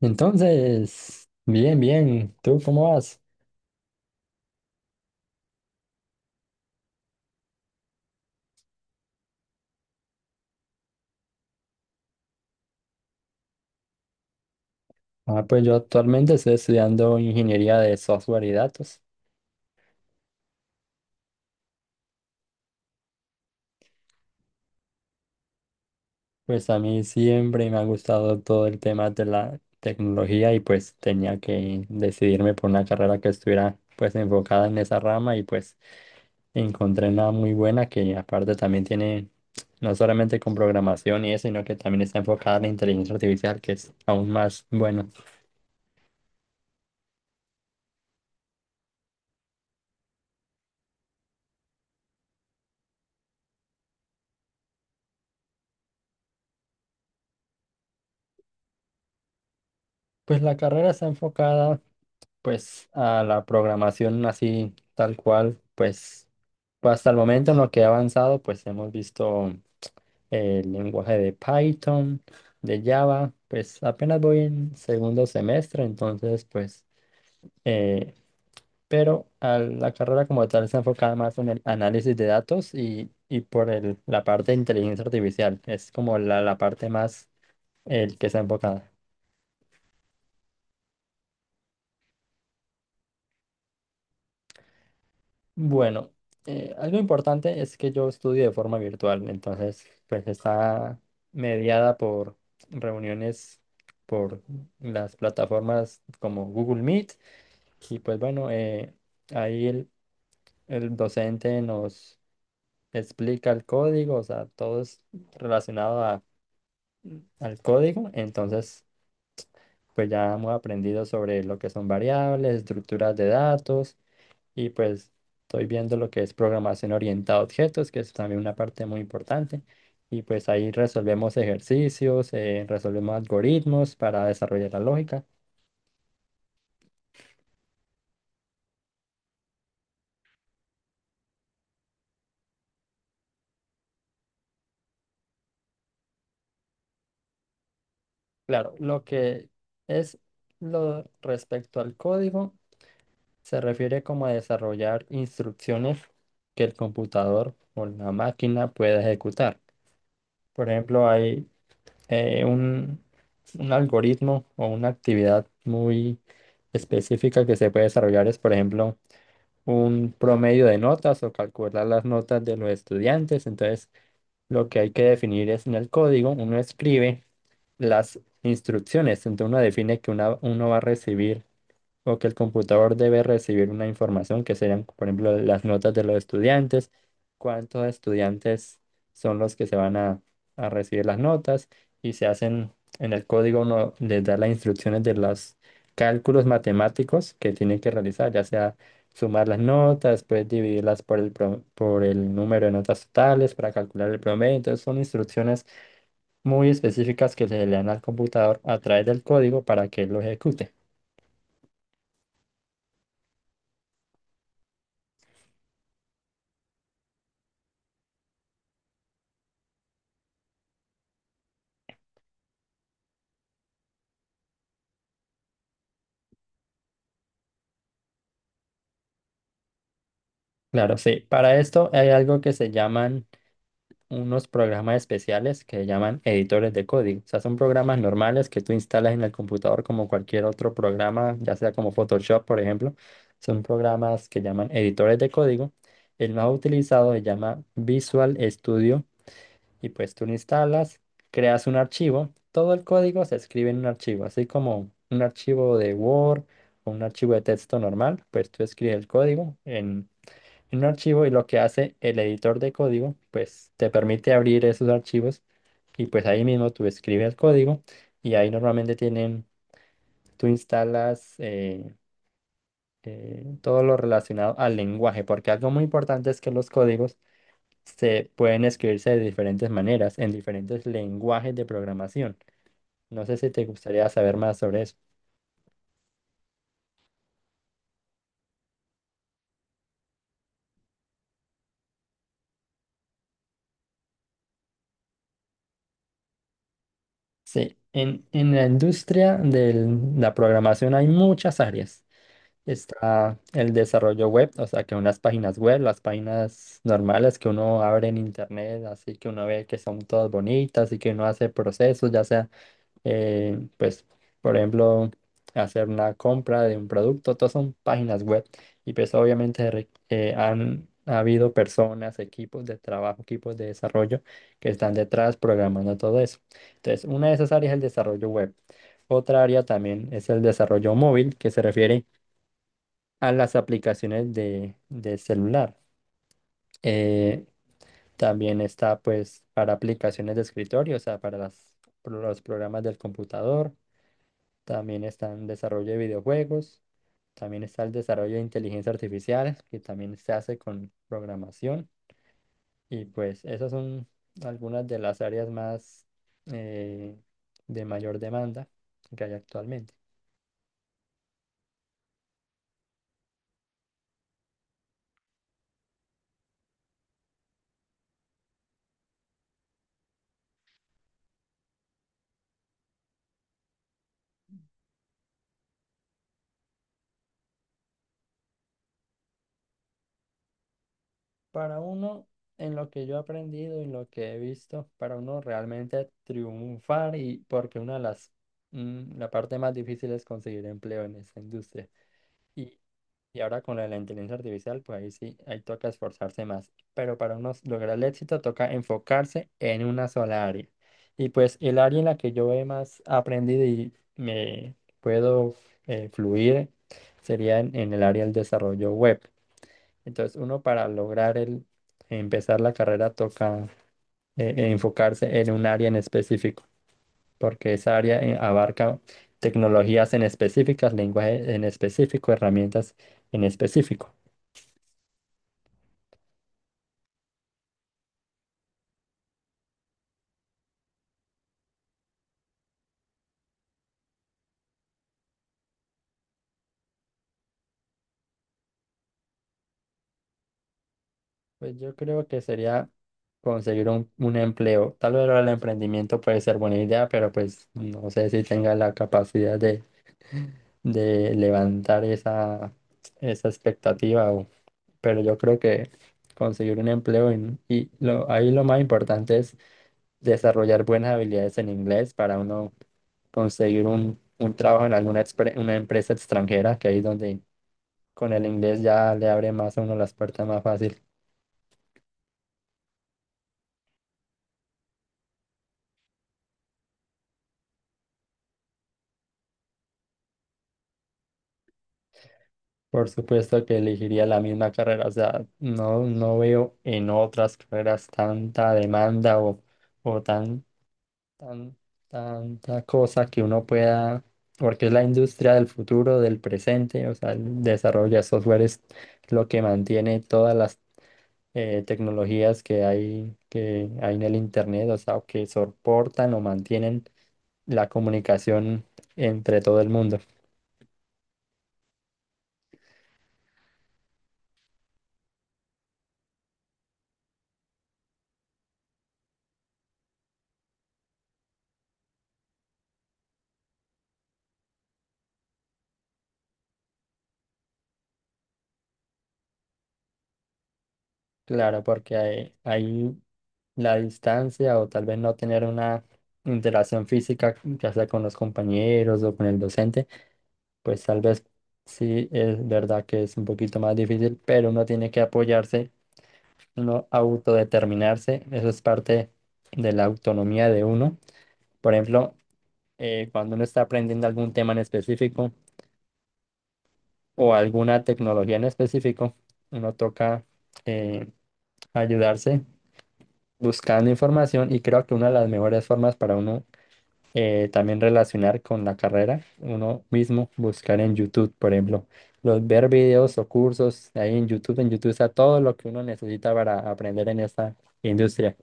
Entonces, bien, bien. ¿Tú cómo vas? Ah, pues yo actualmente estoy estudiando ingeniería de software y datos. Pues a mí siempre me ha gustado todo el tema de la tecnología y pues tenía que decidirme por una carrera que estuviera pues enfocada en esa rama y pues encontré una muy buena que aparte también tiene no solamente con programación y eso, sino que también está enfocada en la inteligencia artificial, que es aún más bueno. Pues la carrera está enfocada pues a la programación así tal cual, pues pues, hasta el momento en lo que he avanzado, pues hemos visto el lenguaje de Python, de Java, pues apenas voy en segundo semestre, entonces pues, eh, pero a la carrera como tal está enfocada más en el análisis de datos y por el, la parte de inteligencia artificial, es como la parte más el que está enfocada. Bueno, algo importante es que yo estudio de forma virtual, entonces pues está mediada por reuniones por las plataformas como Google Meet y pues bueno, ahí el docente nos explica el código, o sea, todo es relacionado a- al código, entonces pues ya hemos aprendido sobre lo que son variables, estructuras de datos. Y pues estoy viendo lo que es programación orientada a objetos, que es también una parte muy importante. Y pues ahí resolvemos ejercicios, resolvemos algoritmos para desarrollar la lógica. Claro, lo que es lo respecto al código se refiere como a desarrollar instrucciones que el computador o la máquina pueda ejecutar. Por ejemplo, hay eh, un, un algoritmo o una actividad muy específica que se puede desarrollar es, por ejemplo, un promedio de notas o calcular las notas de los estudiantes. Entonces, lo que hay que definir es en el código, uno escribe las instrucciones, entonces uno define que una- uno va a recibir o que el computador debe recibir una información que serían, por ejemplo, las notas de los estudiantes, cuántos estudiantes son los que se van a recibir las notas y se hacen en el código, uno les da las instrucciones de los cálculos matemáticos que tienen que realizar, ya sea sumar las notas, después dividirlas por el, pro- por el número de notas totales para calcular el promedio. Entonces son instrucciones muy específicas que se le dan al computador a través del código para que lo ejecute. Claro, sí. Para esto hay algo que se llaman unos programas especiales que llaman editores de código. O sea, son programas normales que tú instalas en el computador como cualquier otro programa, ya sea como Photoshop, por ejemplo. Son programas que llaman editores de código. El más utilizado se llama Visual Studio y pues tú lo instalas, creas un archivo. Todo el código se escribe en un archivo, así como un archivo de Word o un archivo de texto normal. Pues tú escribes el código en un archivo y lo que hace el editor de código, pues te permite abrir esos archivos y pues ahí mismo tú escribes el código y ahí normalmente tienen, tú instalas todo lo relacionado al lenguaje, porque algo muy importante es que los códigos se pueden escribirse de diferentes maneras, en diferentes lenguajes de programación. No sé si te gustaría saber más sobre eso. Sí, en la industria de la programación hay muchas áreas. Está el desarrollo web, o sea, que unas páginas web, las páginas normales que uno abre en internet, así que uno ve que son todas bonitas y que uno hace procesos, ya sea, pues, por ejemplo, hacer una compra de un producto, todas son páginas web. Y pues obviamente re- han ha habido personas, equipos de trabajo, equipos de desarrollo que están detrás programando todo eso. Entonces, una de esas áreas es el desarrollo web. Otra área también es el desarrollo móvil, que se refiere a las aplicaciones de celular. Eh, también está pues para aplicaciones de escritorio, o sea, para las, pro- los programas del computador. También está en desarrollo de videojuegos. También está el desarrollo de inteligencia artificial, que también se hace con programación. Y pues esas son algunas de las áreas más eh, de mayor demanda que hay actualmente. Para uno, en lo que yo he aprendido y lo que he visto, para uno realmente triunfar y porque una de las, mm, la parte más difícil es conseguir empleo en esta industria. Y, y ahora con la de la inteligencia artificial, pues ahí sí, ahí toca esforzarse más. Pero para uno lograr el éxito toca enfocarse en una sola área. Y pues el área en la que yo he más aprendido y me puedo fluir sería en el área del desarrollo web, entonces, uno para lograr el empezar la carrera toca enfocarse en un área en específico, porque esa área abarca tecnologías en específicas, lenguaje en específico, herramientas en específico. Pues yo creo que sería conseguir un empleo. Tal vez el emprendimiento puede ser buena idea, pero pues no sé si tenga la capacidad de levantar esa, esa expectativa o pero yo creo que conseguir un empleo en- y lo, ahí lo más importante es desarrollar buenas habilidades en inglés para uno conseguir un trabajo en alguna expre- una empresa extranjera, que ahí es donde con el inglés ya le abre más a uno las puertas más fácil. Por supuesto que elegiría la misma carrera, o sea, no, no veo en otras carreras tanta demanda o tan tan- tanta cosa que uno pueda, porque es la industria del futuro, del presente, o sea, el desarrollo de software es lo que mantiene todas las tecnologías que hay en el Internet, o sea, que soportan o mantienen la comunicación entre todo el mundo. Claro, porque hay la distancia o tal vez no tener una interacción física, ya sea con los compañeros o con el docente pues tal vez sí es verdad que es un poquito más difícil, pero uno tiene que apoyarse, uno autodeterminarse, eso es parte de la autonomía de uno. Por ejemplo, cuando uno está aprendiendo algún tema en específico o alguna tecnología en específico, uno toca eh, ayudarse buscando información y creo que una de las mejores formas para uno también relacionar con la carrera, uno mismo buscar en YouTube, por ejemplo, los, ver videos o cursos ahí en YouTube. En YouTube está todo lo que uno necesita para aprender en esta industria.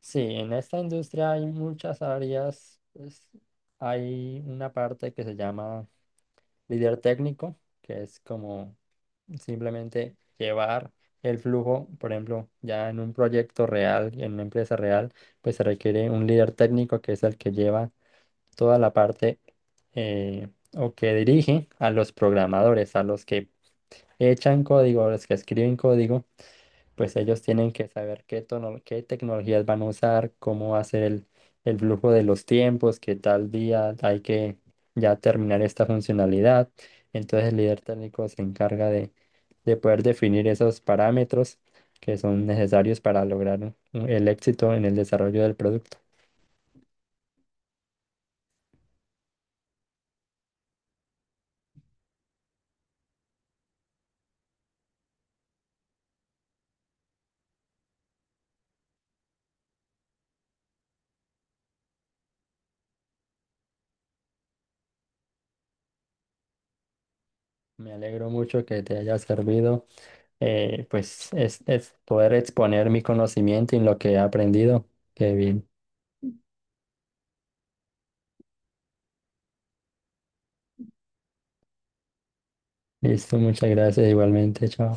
Sí, en esta industria hay muchas áreas. Pues, hay una parte que se llama líder técnico, que es como simplemente llevar el flujo, por ejemplo, ya en un proyecto real, en una empresa real, pues se requiere un líder técnico que es el que lleva toda la parte eh, o que dirige a los programadores, a los que echan código, a los que escriben código, pues ellos tienen que saber qué, tono- qué tecnologías van a usar, cómo va a ser el flujo de los tiempos, que tal día hay que ya terminar esta funcionalidad. Entonces el líder técnico se encarga de poder definir esos parámetros que son necesarios para lograr un- el éxito en el desarrollo del producto. Me alegro mucho que te haya servido, pues es poder exponer mi conocimiento y lo que he aprendido. Qué bien. Listo, muchas gracias igualmente, chao.